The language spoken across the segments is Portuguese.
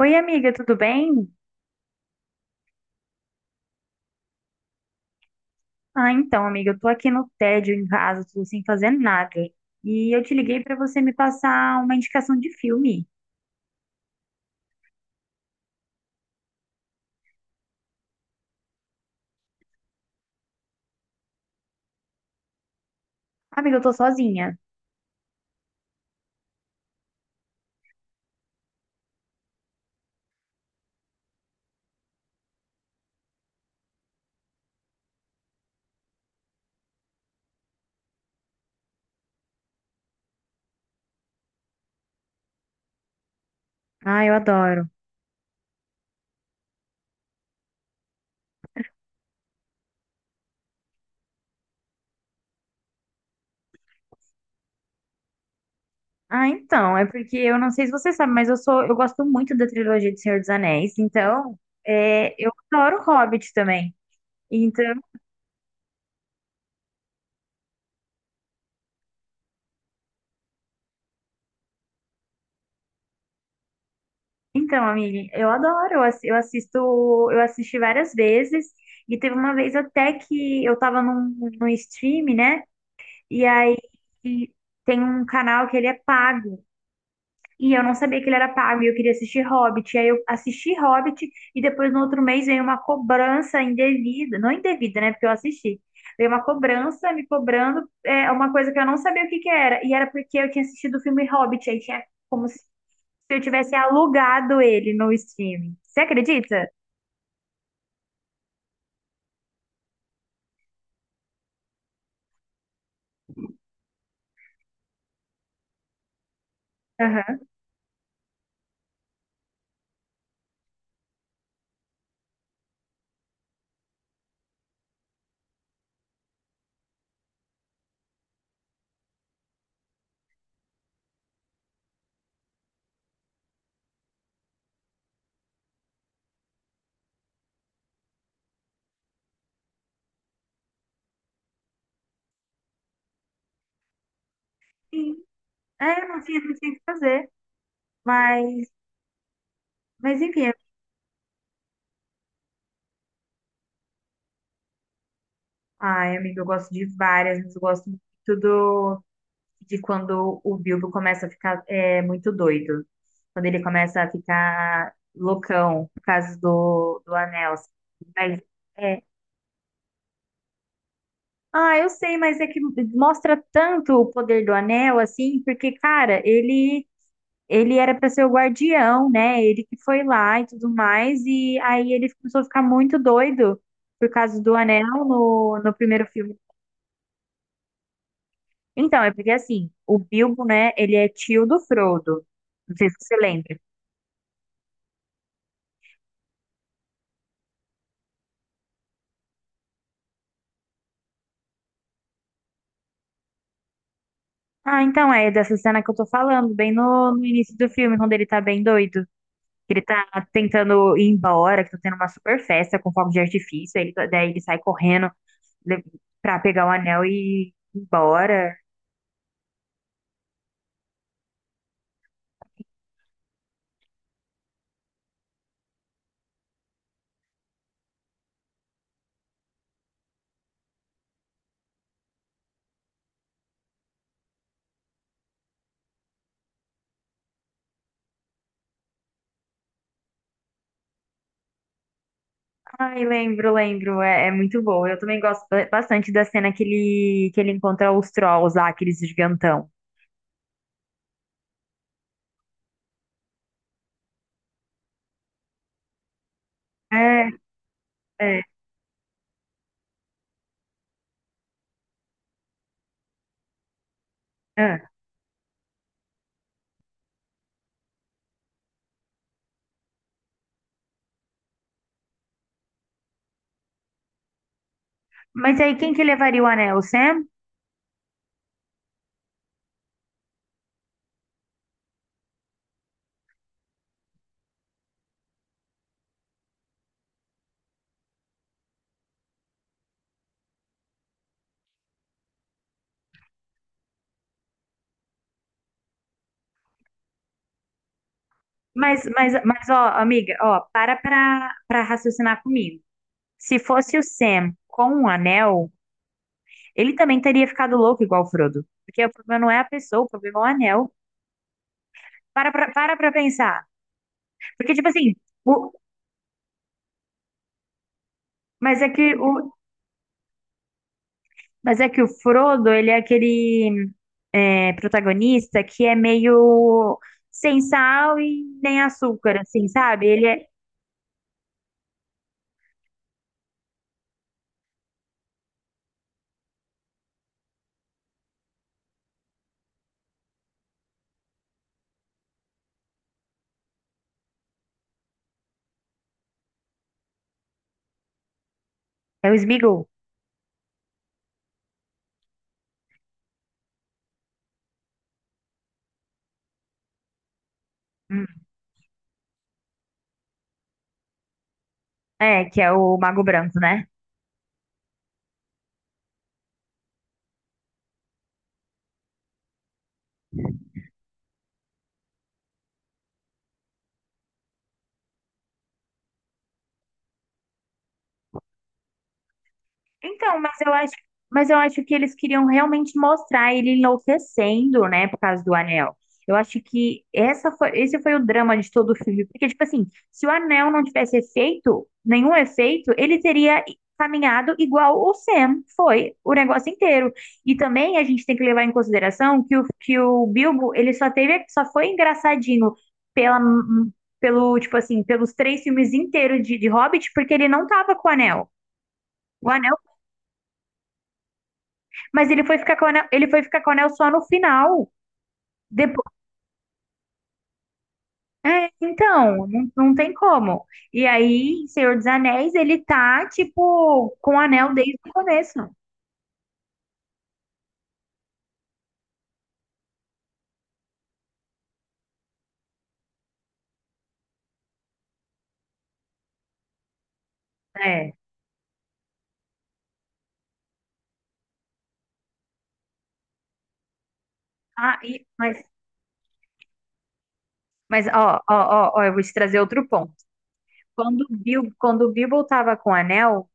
Oi, amiga, tudo bem? Ah, então, amiga, eu tô aqui no tédio em casa, tô sem fazer nada. E eu te liguei pra você me passar uma indicação de filme. Amiga, eu tô sozinha. Ah, eu adoro. Ah, então, é porque eu não sei se você sabe, mas eu gosto muito da trilogia de Senhor dos Anéis. Então, eu adoro Hobbit também. Então, então, amiga, eu adoro. Eu assisti várias vezes. E teve uma vez até que eu tava num stream, né? E aí tem um canal que ele é pago. E eu não sabia que ele era pago e eu queria assistir Hobbit. E aí eu assisti Hobbit e depois no outro mês veio uma cobrança indevida. Não indevida, né? Porque eu assisti. Veio uma cobrança me cobrando uma coisa que eu não sabia o que que era. E era porque eu tinha assistido o filme Hobbit. Aí tinha como se eu tivesse alugado ele no streaming. Você acredita? Aham. Sim. É, não tinha o que fazer. Mas, mas enfim, ai, amiga, eu gosto de várias, mas eu gosto muito de quando o Bilbo começa a ficar muito doido. Quando ele começa a ficar loucão por causa do anel, assim. Mas, é, ah, eu sei, mas é que mostra tanto o poder do anel, assim, porque, cara, ele era para ser o guardião, né? Ele que foi lá e tudo mais, e aí ele começou a ficar muito doido por causa do anel no primeiro filme. Então, é porque assim, o Bilbo, né, ele é tio do Frodo. Não sei se você lembra. Ah, então é dessa cena que eu tô falando, bem no início do filme, quando ele tá bem doido. Que ele tá tentando ir embora, que tá tendo uma super festa com fogos de artifício. Daí ele sai correndo le- pra pegar o anel e ir embora. Ai, lembro, lembro. É, é muito bom. Eu também gosto bastante da cena que que ele encontra os trolls lá, aqueles gigantão. É, é, é. Mas aí quem que levaria o anel? O Sam? Mas, ó, amiga, ó, pra raciocinar comigo. Se fosse o Sam com um anel, ele também teria ficado louco igual o Frodo. Porque o problema não é a pessoa, o problema é o anel. Para pra pensar. Porque, tipo assim, o, mas é que o, mas é que o Frodo, ele é aquele protagonista que é meio sem sal e nem açúcar, assim, sabe? Ele é. É o Sméagol. Hum. É, que é o Mago Branco, né? Então, mas eu acho que eles queriam realmente mostrar ele enlouquecendo, né, por causa do anel. Eu acho que esse foi o drama de todo o filme, porque tipo assim, se o anel não tivesse efeito, nenhum efeito, ele teria caminhado igual o Sam foi o negócio inteiro. E também a gente tem que levar em consideração que o Bilbo, ele só foi engraçadinho pela tipo assim, pelos três filmes inteiros de Hobbit, porque ele não tava com o anel. Mas ele foi ficar com o anel, ele foi ficar com o anel só no final. Depois, então, não, não tem como. E aí, em Senhor dos Anéis, ele tá, tipo, com o anel desde o começo. É. Ah, mas ó, ó, ó, ó, eu vou te trazer outro ponto. Quando o Bilbo tava com o anel,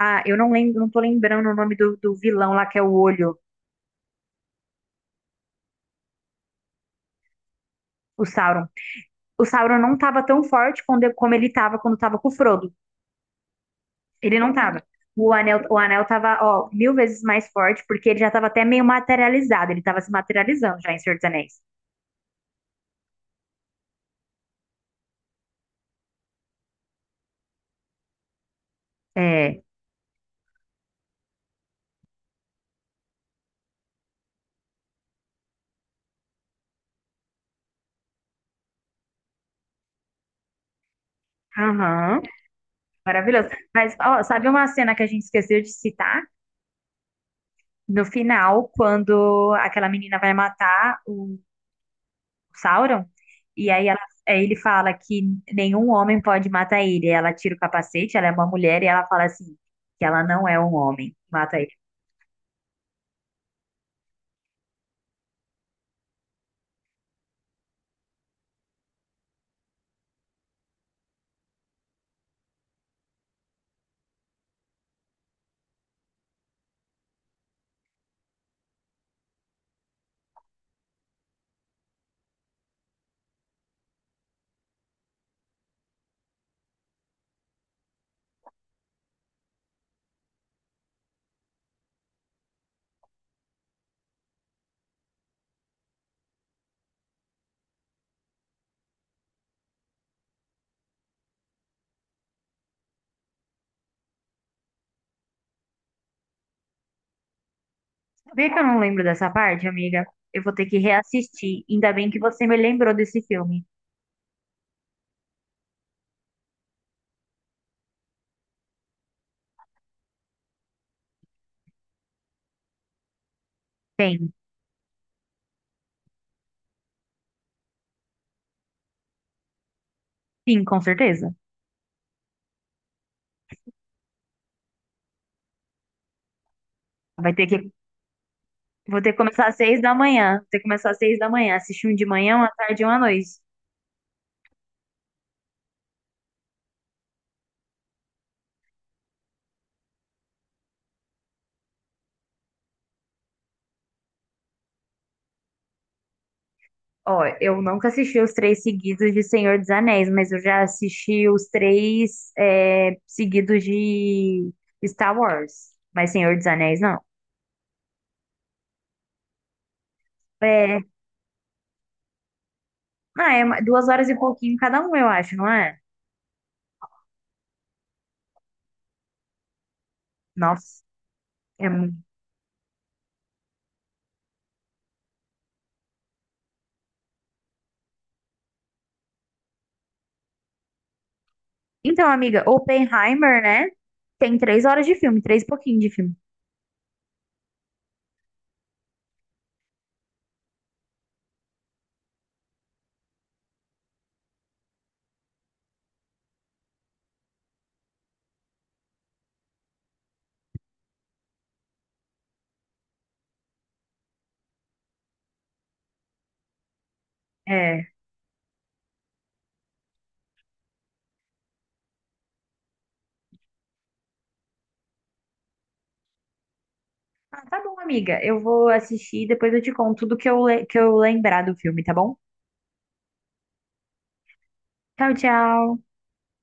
ah, eu não lembro, não tô lembrando o nome do vilão lá, que é o olho, o Sauron. O Sauron não tava tão forte como ele tava quando tava com o Frodo. Ele não tava. O anel tava, ó, mil vezes mais forte, porque ele já tava até meio materializado. Ele tava se materializando já em Senhor dos Anéis. É. Aham. Maravilhoso. Mas, ó, sabe uma cena que a gente esqueceu de citar? No final, quando aquela menina vai matar o Sauron, e aí ele fala que nenhum homem pode matar ele. Ela tira o capacete, ela é uma mulher, e ela fala assim, que ela não é um homem. Mata. Sabia que eu não lembro dessa parte, amiga? Eu vou ter que reassistir. Ainda bem que você me lembrou desse filme. Tem, sim, com certeza. Vai ter que, vou ter que começar às 6 da manhã. Vou ter que começar às seis da manhã. Assistir um de manhã, uma tarde e uma noite. Ó, eu nunca assisti os três seguidos de Senhor dos Anéis, mas eu já assisti os três seguidos de Star Wars. Mas Senhor dos Anéis, não. É, ah, é 2 horas e pouquinho cada um, eu acho, não é? Nossa, é, mu- Então, amiga, Oppenheimer, né? Tem 3 horas de filme, três e pouquinho de filme. É. Ah, tá bom, amiga. Eu vou assistir e depois eu te conto tudo que eu lembrar do filme, tá bom? Tchau, tchau.